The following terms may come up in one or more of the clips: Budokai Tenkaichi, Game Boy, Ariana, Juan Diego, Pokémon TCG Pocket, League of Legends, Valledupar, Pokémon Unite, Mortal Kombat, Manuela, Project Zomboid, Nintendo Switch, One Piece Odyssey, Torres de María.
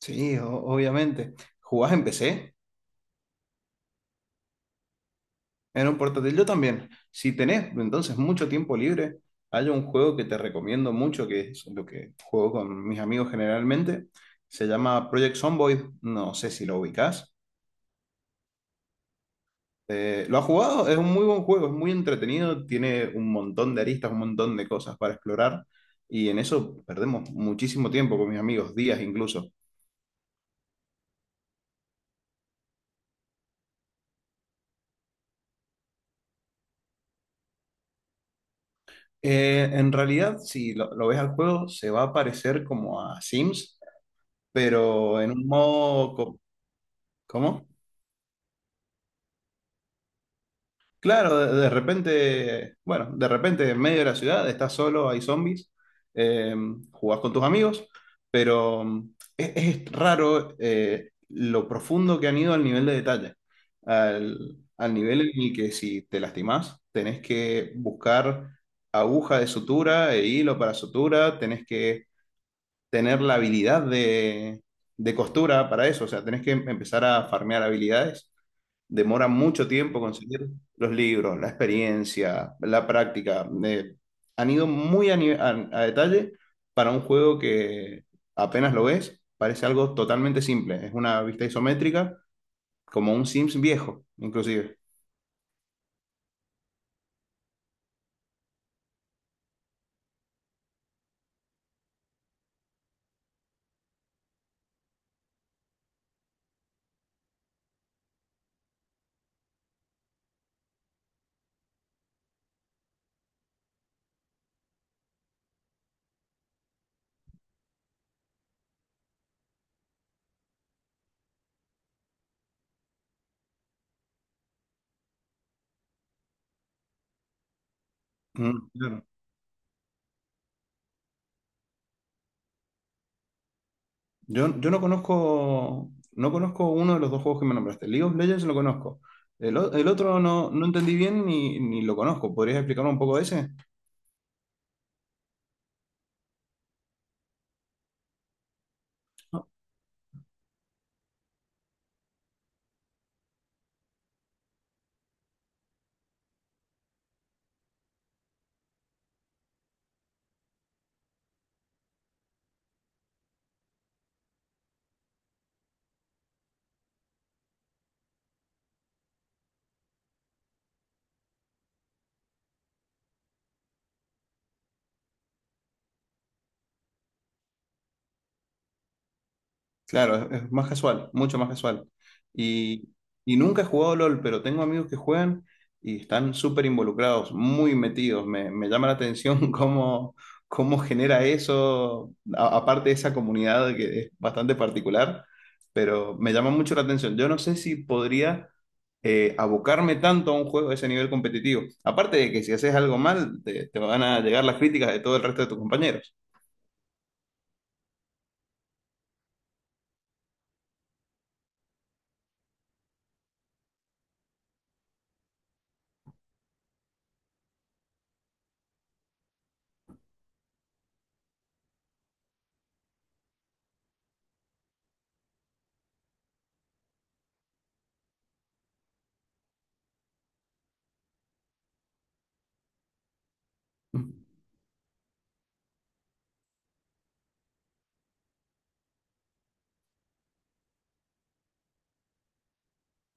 Sí, obviamente. ¿Jugás en PC? En un portátil yo también. Si tenés entonces mucho tiempo libre, hay un juego que te recomiendo mucho, que es lo que juego con mis amigos generalmente. Se llama Project Zomboid. No sé si lo ubicás. ¿Lo has jugado? Es un muy buen juego, es muy entretenido, tiene un montón de aristas, un montón de cosas para explorar. Y en eso perdemos muchísimo tiempo con mis amigos, días incluso. En realidad, si lo ves al juego, se va a parecer como a Sims, pero en un modo. ¿Cómo? Claro, de repente, bueno, de repente en medio de la ciudad estás solo, hay zombies, eh, jugás con tus amigos, pero es, raro, lo profundo que han ido al nivel de detalle, al nivel en el que si te lastimás, tenés que buscar aguja de sutura e hilo para sutura, tenés que tener la habilidad de costura para eso, o sea, tenés que empezar a farmear habilidades, demora mucho tiempo conseguir los libros, la experiencia, la práctica. Han ido muy a detalle para un juego que apenas lo ves, parece algo totalmente simple. Es una vista isométrica, como un Sims viejo, inclusive. Mm, claro. Yo no conozco, uno de los dos juegos que me nombraste. League of Legends lo conozco. El otro no, entendí bien ni lo conozco. ¿Podrías explicarme un poco de ese? Claro, es más casual, mucho más casual. Y, y nunca he jugado LOL, pero tengo amigos que juegan y están súper involucrados, muy metidos. Me llama la atención cómo genera eso, aparte de esa comunidad que es bastante particular, pero me llama mucho la atención. Yo no sé si podría abocarme tanto a un juego de ese nivel competitivo. Aparte de que si haces algo mal, te van a llegar las críticas de todo el resto de tus compañeros.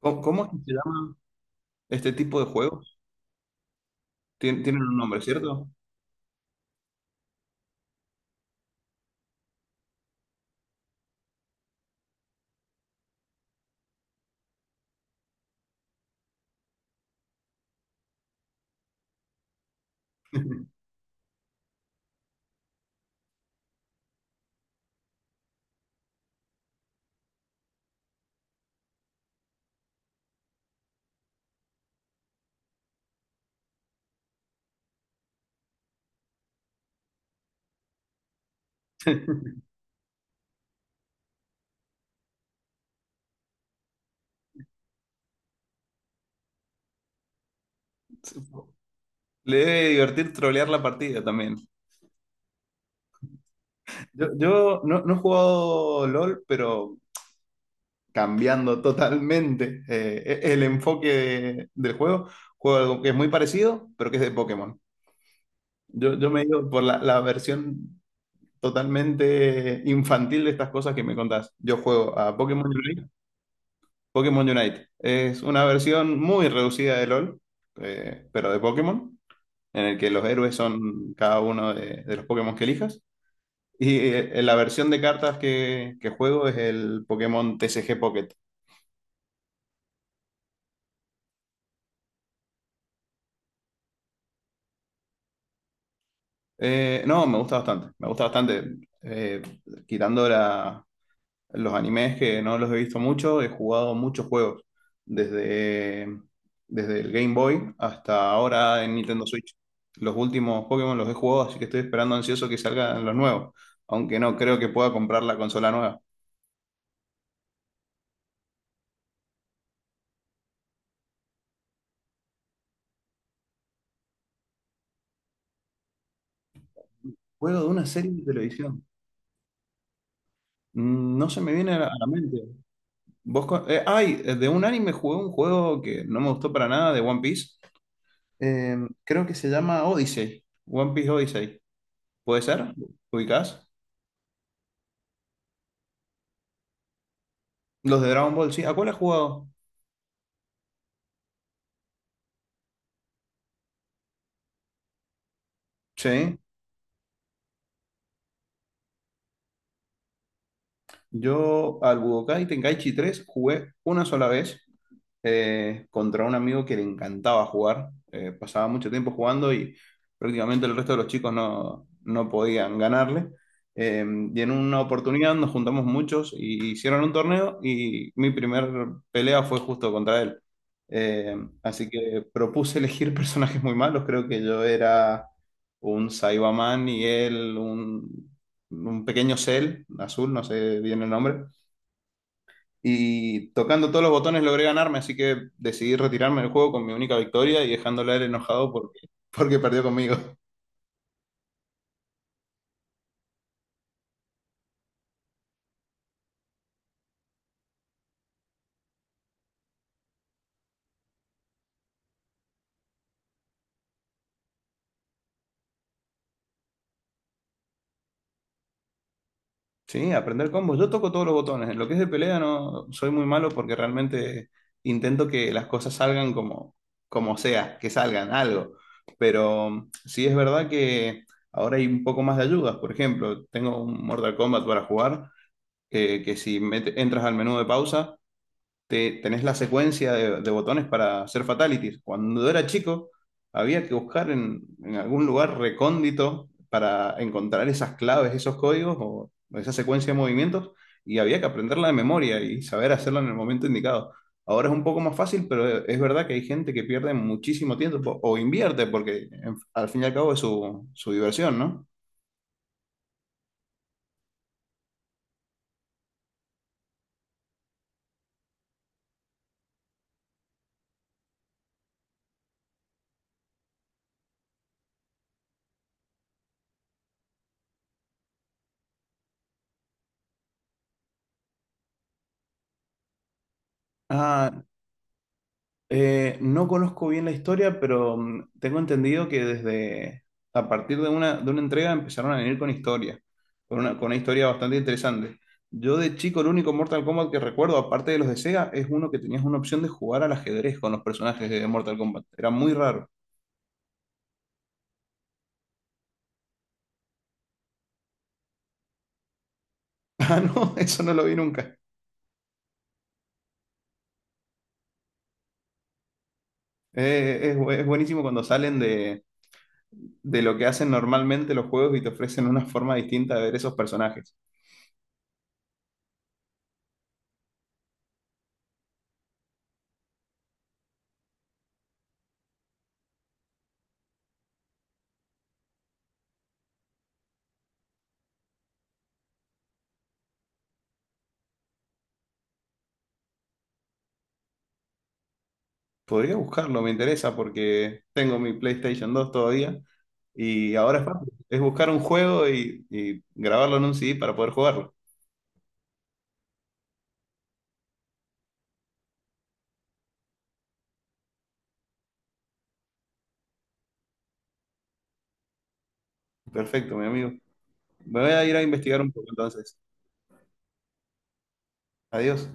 cómo, es que se llama este tipo de juego? Tienen un nombre, ¿cierto? Le debe divertir trolear la partida también. Yo no he jugado LOL, pero cambiando totalmente el enfoque del juego, juego algo que es muy parecido, pero que es de Pokémon. Yo me he ido por la versión totalmente infantil de estas cosas que me contás. Yo juego a Pokémon Unite. Pokémon Unite es una versión muy reducida de LOL, pero de Pokémon. En el que los héroes son cada uno de los Pokémon que elijas. Y la versión de cartas que juego es el Pokémon TCG Pocket. No, me gusta bastante, me gusta bastante. Eh, quitando los animes que no los he visto mucho, he jugado muchos juegos, desde, desde el Game Boy hasta ahora en Nintendo Switch. Los últimos Pokémon los he jugado, así que estoy esperando ansioso que salgan los nuevos, aunque no creo que pueda comprar la consola nueva. Juego de una serie de televisión. Mm. No se me viene a la mente. De un anime jugué un juego que no me gustó para nada de One Piece. Eh, Creo que se llama Odyssey. One Piece Odyssey. ¿Puede ser? ¿Ubicás? Los de Dragon Ball, sí. ¿A cuál has jugado? Sí. Yo al Budokai Tenkaichi 3 jugué una sola vez. Contra un amigo que le encantaba jugar. Pasaba mucho tiempo jugando y prácticamente el resto de los chicos no, podían ganarle. Eh, y en una oportunidad nos juntamos muchos y hicieron un torneo y mi primer pelea fue justo contra él. Eh, Así que propuse elegir personajes muy malos. Creo que yo era un Saibaman y él un pequeño Cell azul, no sé bien el nombre. Y tocando todos los botones logré ganarme, así que decidí retirarme del juego con mi única victoria y dejándole a él enojado porque, porque perdió conmigo. Sí, aprender combos. Yo toco todos los botones. En lo que es de pelea no soy muy malo porque realmente intento que las cosas salgan como sea, que salgan algo. Pero sí es verdad que ahora hay un poco más de ayudas. Por ejemplo, tengo un Mortal Kombat para jugar, que si entras al menú de pausa tenés la secuencia de botones para hacer fatalities. Cuando era chico, había que buscar en algún lugar recóndito para encontrar esas claves, esos códigos o esa secuencia de movimientos y había que aprenderla de memoria y saber hacerla en el momento indicado. Ahora es un poco más fácil, pero es verdad que hay gente que pierde muchísimo tiempo o invierte porque al fin y al cabo es su, diversión, ¿no? Ah, no conozco bien la historia, pero tengo entendido que desde a partir de una, entrega empezaron a venir con historia, con una historia bastante interesante. Yo de chico el único Mortal Kombat que recuerdo, aparte de los de Sega, es uno que tenías una opción de jugar al ajedrez con los personajes de Mortal Kombat. Era muy raro. Ah, no, eso no lo vi nunca. Es es buenísimo cuando salen de lo que hacen normalmente los juegos y te ofrecen una forma distinta de ver esos personajes. Podría buscarlo, me interesa porque tengo mi PlayStation 2 todavía y ahora es fácil. Es buscar un juego y grabarlo en un CD para poder jugarlo. Perfecto, mi amigo. Me voy a ir a investigar un poco entonces. Adiós.